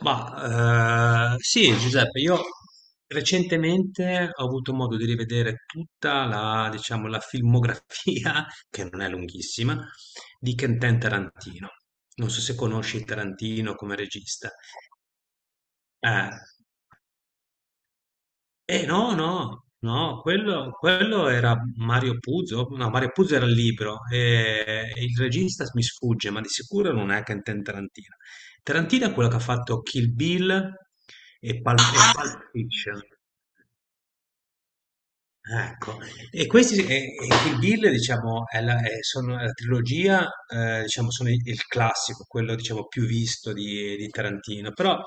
Ma sì, Giuseppe, io recentemente ho avuto modo di rivedere tutta la, diciamo, la filmografia, che non è lunghissima, di Quentin Tarantino. Non so se conosci Tarantino come regista. Eh, Eh no, no, no, quello era Mario Puzo, no, Mario Puzo era il libro, e il regista mi sfugge, ma di sicuro non è Quentin Tarantino. Tarantino è quello che ha fatto Kill Bill e Pulp Fiction. Ah, ecco. E Kill Bill, diciamo, sono, la trilogia, diciamo, sono il classico, quello, diciamo, più visto di, Tarantino. Però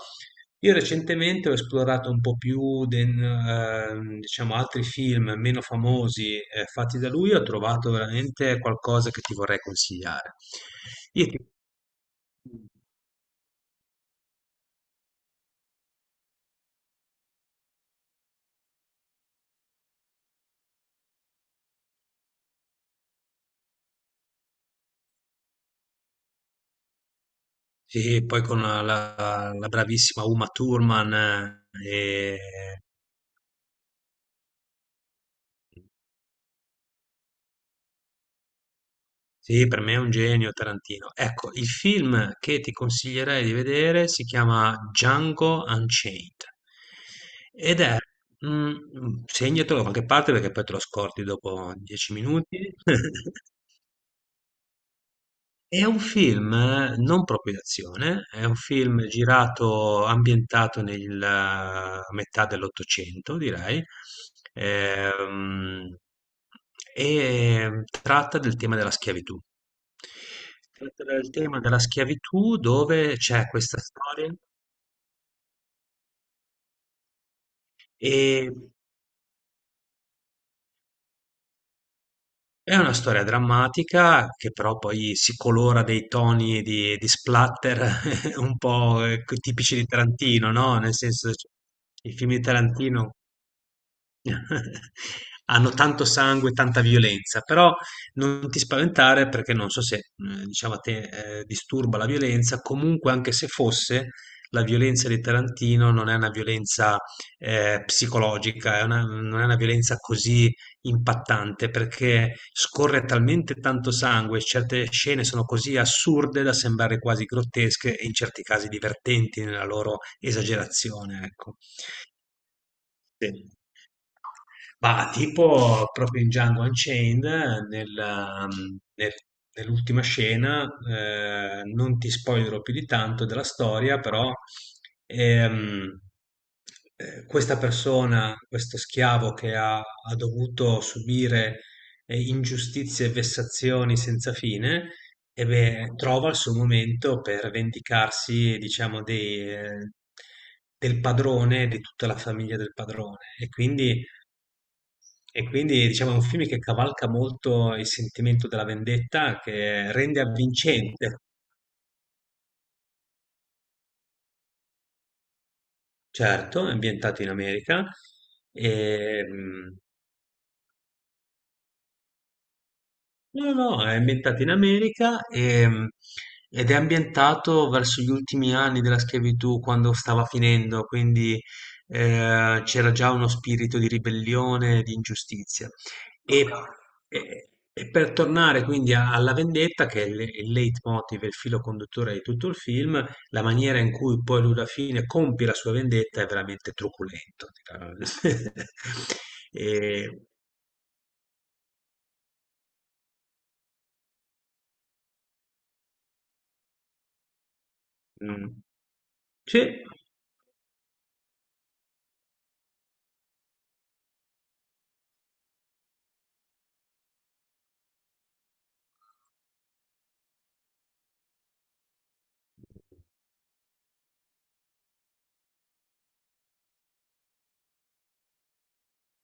io recentemente ho esplorato un po' più, diciamo, altri film meno famosi, fatti da lui, ho trovato veramente qualcosa che ti vorrei consigliare. Io ti- sì, poi con la bravissima Uma Thurman. Sì, per me è un genio Tarantino. Ecco, il film che ti consiglierei di vedere si chiama Django Unchained ed è, segnatelo da qualche parte perché poi te lo scordi dopo 10 minuti. È un film non proprio d'azione, è un film girato, ambientato nella metà dell'Ottocento, direi, ehm, e tratta del tema della schiavitù. Tratta del tema della schiavitù dove c'è questa storia. E È una storia drammatica che però poi si colora dei toni di splatter un po', tipici di Tarantino, no, nel senso c i film di Tarantino hanno tanto sangue, tanta violenza, però non ti spaventare perché non so se, diciamo a te, disturba la violenza, comunque anche se fosse, la violenza di Tarantino non è una violenza, psicologica, è una non è una violenza così impattante perché scorre talmente tanto sangue, certe scene sono così assurde da sembrare quasi grottesche e in certi casi divertenti nella loro esagerazione, ecco. Sì. Ma tipo proprio in Django Unchained, nel, um, nel- nell'ultima scena, non ti spoilerò più di tanto della storia, però ehm, questa persona, questo schiavo che ha dovuto subire ingiustizie e vessazioni senza fine, e beh, trova il suo momento per vendicarsi, diciamo, del padrone, di tutta la famiglia del padrone. E quindi diciamo è un film che cavalca molto il sentimento della vendetta, che rende avvincente, certo, è ambientato in America, e, mh, No, no, no, è ambientato in America ed è ambientato verso gli ultimi anni della schiavitù, quando stava finendo, quindi c'era già uno spirito di ribellione, di ingiustizia. Ok. e- e per tornare quindi alla vendetta, che è il leitmotiv, il filo conduttore di tutto il film, la maniera in cui poi lui alla fine compie la sua vendetta è veramente truculento. dirà. E, mm, sì.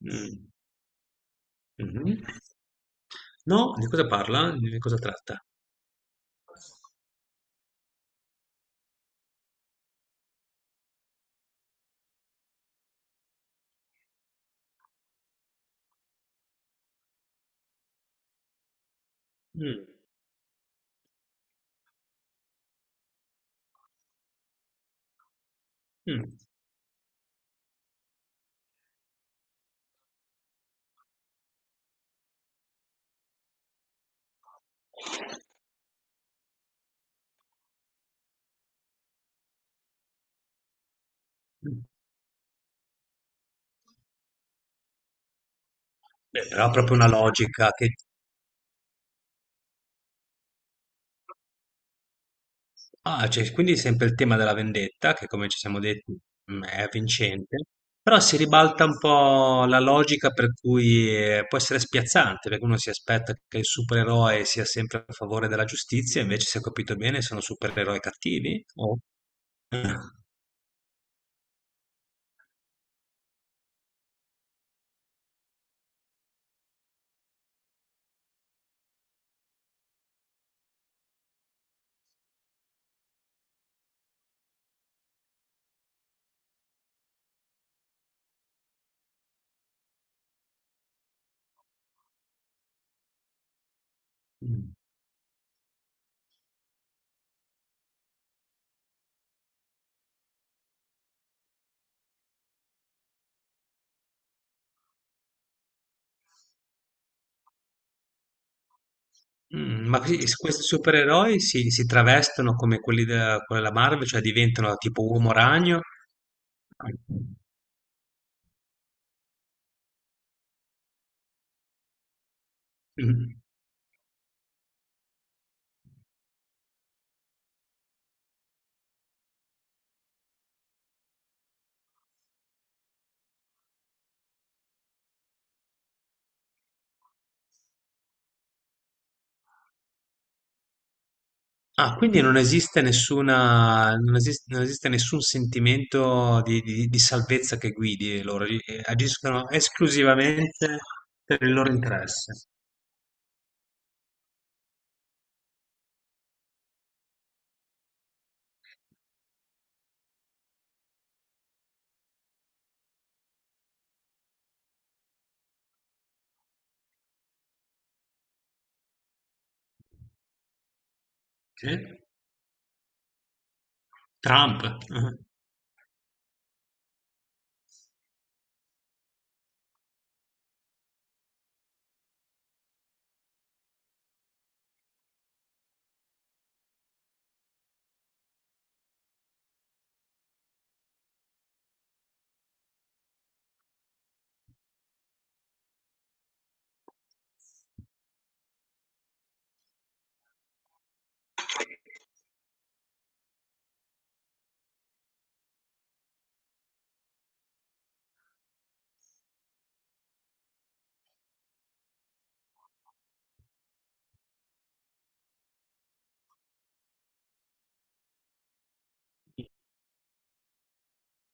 Mm. Mh-mh. No? Di cosa parla? Di cosa tratta? Mh, mh, mh. Beh, però ha proprio una logica cioè quindi sempre il tema della vendetta, che come ci siamo detti, è vincente, però si ribalta un po' la logica per cui, può essere spiazzante, perché uno si aspetta che il supereroe sia sempre a favore della giustizia, invece se ho capito bene sono supereroi cattivi o mh. Ma questi supereroi si travestono come quelli della Marvel, cioè diventano tipo uomo ragno? Mm. Ah, quindi non esiste nessuna, non esiste, non esiste nessun sentimento di, di salvezza che guidi loro, agiscono esclusivamente per il loro interesse. Sì. Trump,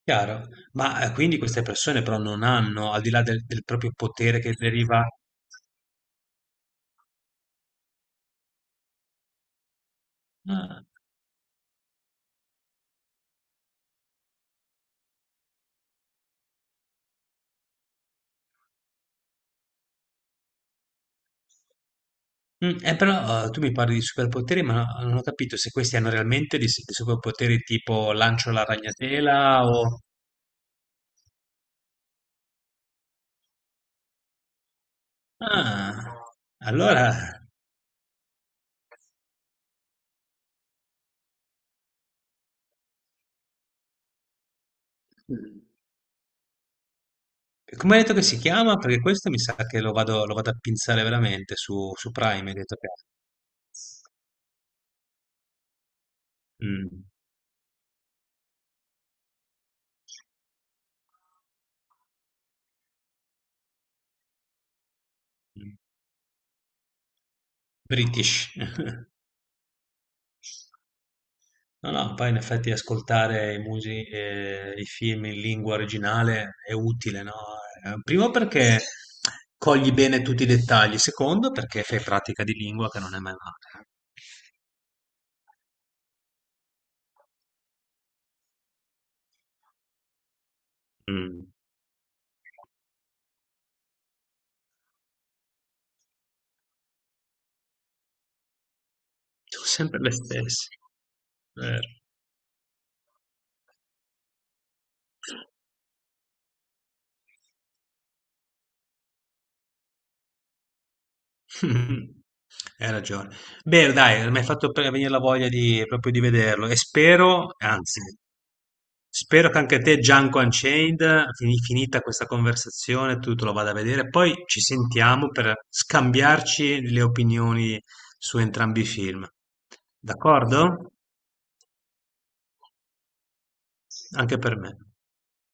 chiaro. Ma quindi queste persone però non hanno, al di là del proprio potere che deriva... Ah. Però tu mi parli di superpoteri, ma non ho capito se questi hanno realmente dei superpoteri tipo lancio la ragnatela o... Ah, allora, eh, come hai detto che si chiama? Perché questo mi sa che lo vado a pinzare veramente su Prime, hai detto che... Mm, mm, British. No, no, poi in effetti ascoltare i film in lingua originale è utile, no? Primo perché cogli bene tutti i dettagli, secondo perché fai pratica di lingua che non è mai male. Mm, sono sempre le stesse. Vero. Hai ragione. Bene, dai, mi hai fatto venire la voglia proprio di vederlo e spero, anzi, Spero che anche te Django Unchained, finita questa conversazione, tu te lo vada a vedere. Poi ci sentiamo per scambiarci le opinioni su entrambi i film. D'accordo? Anche per me.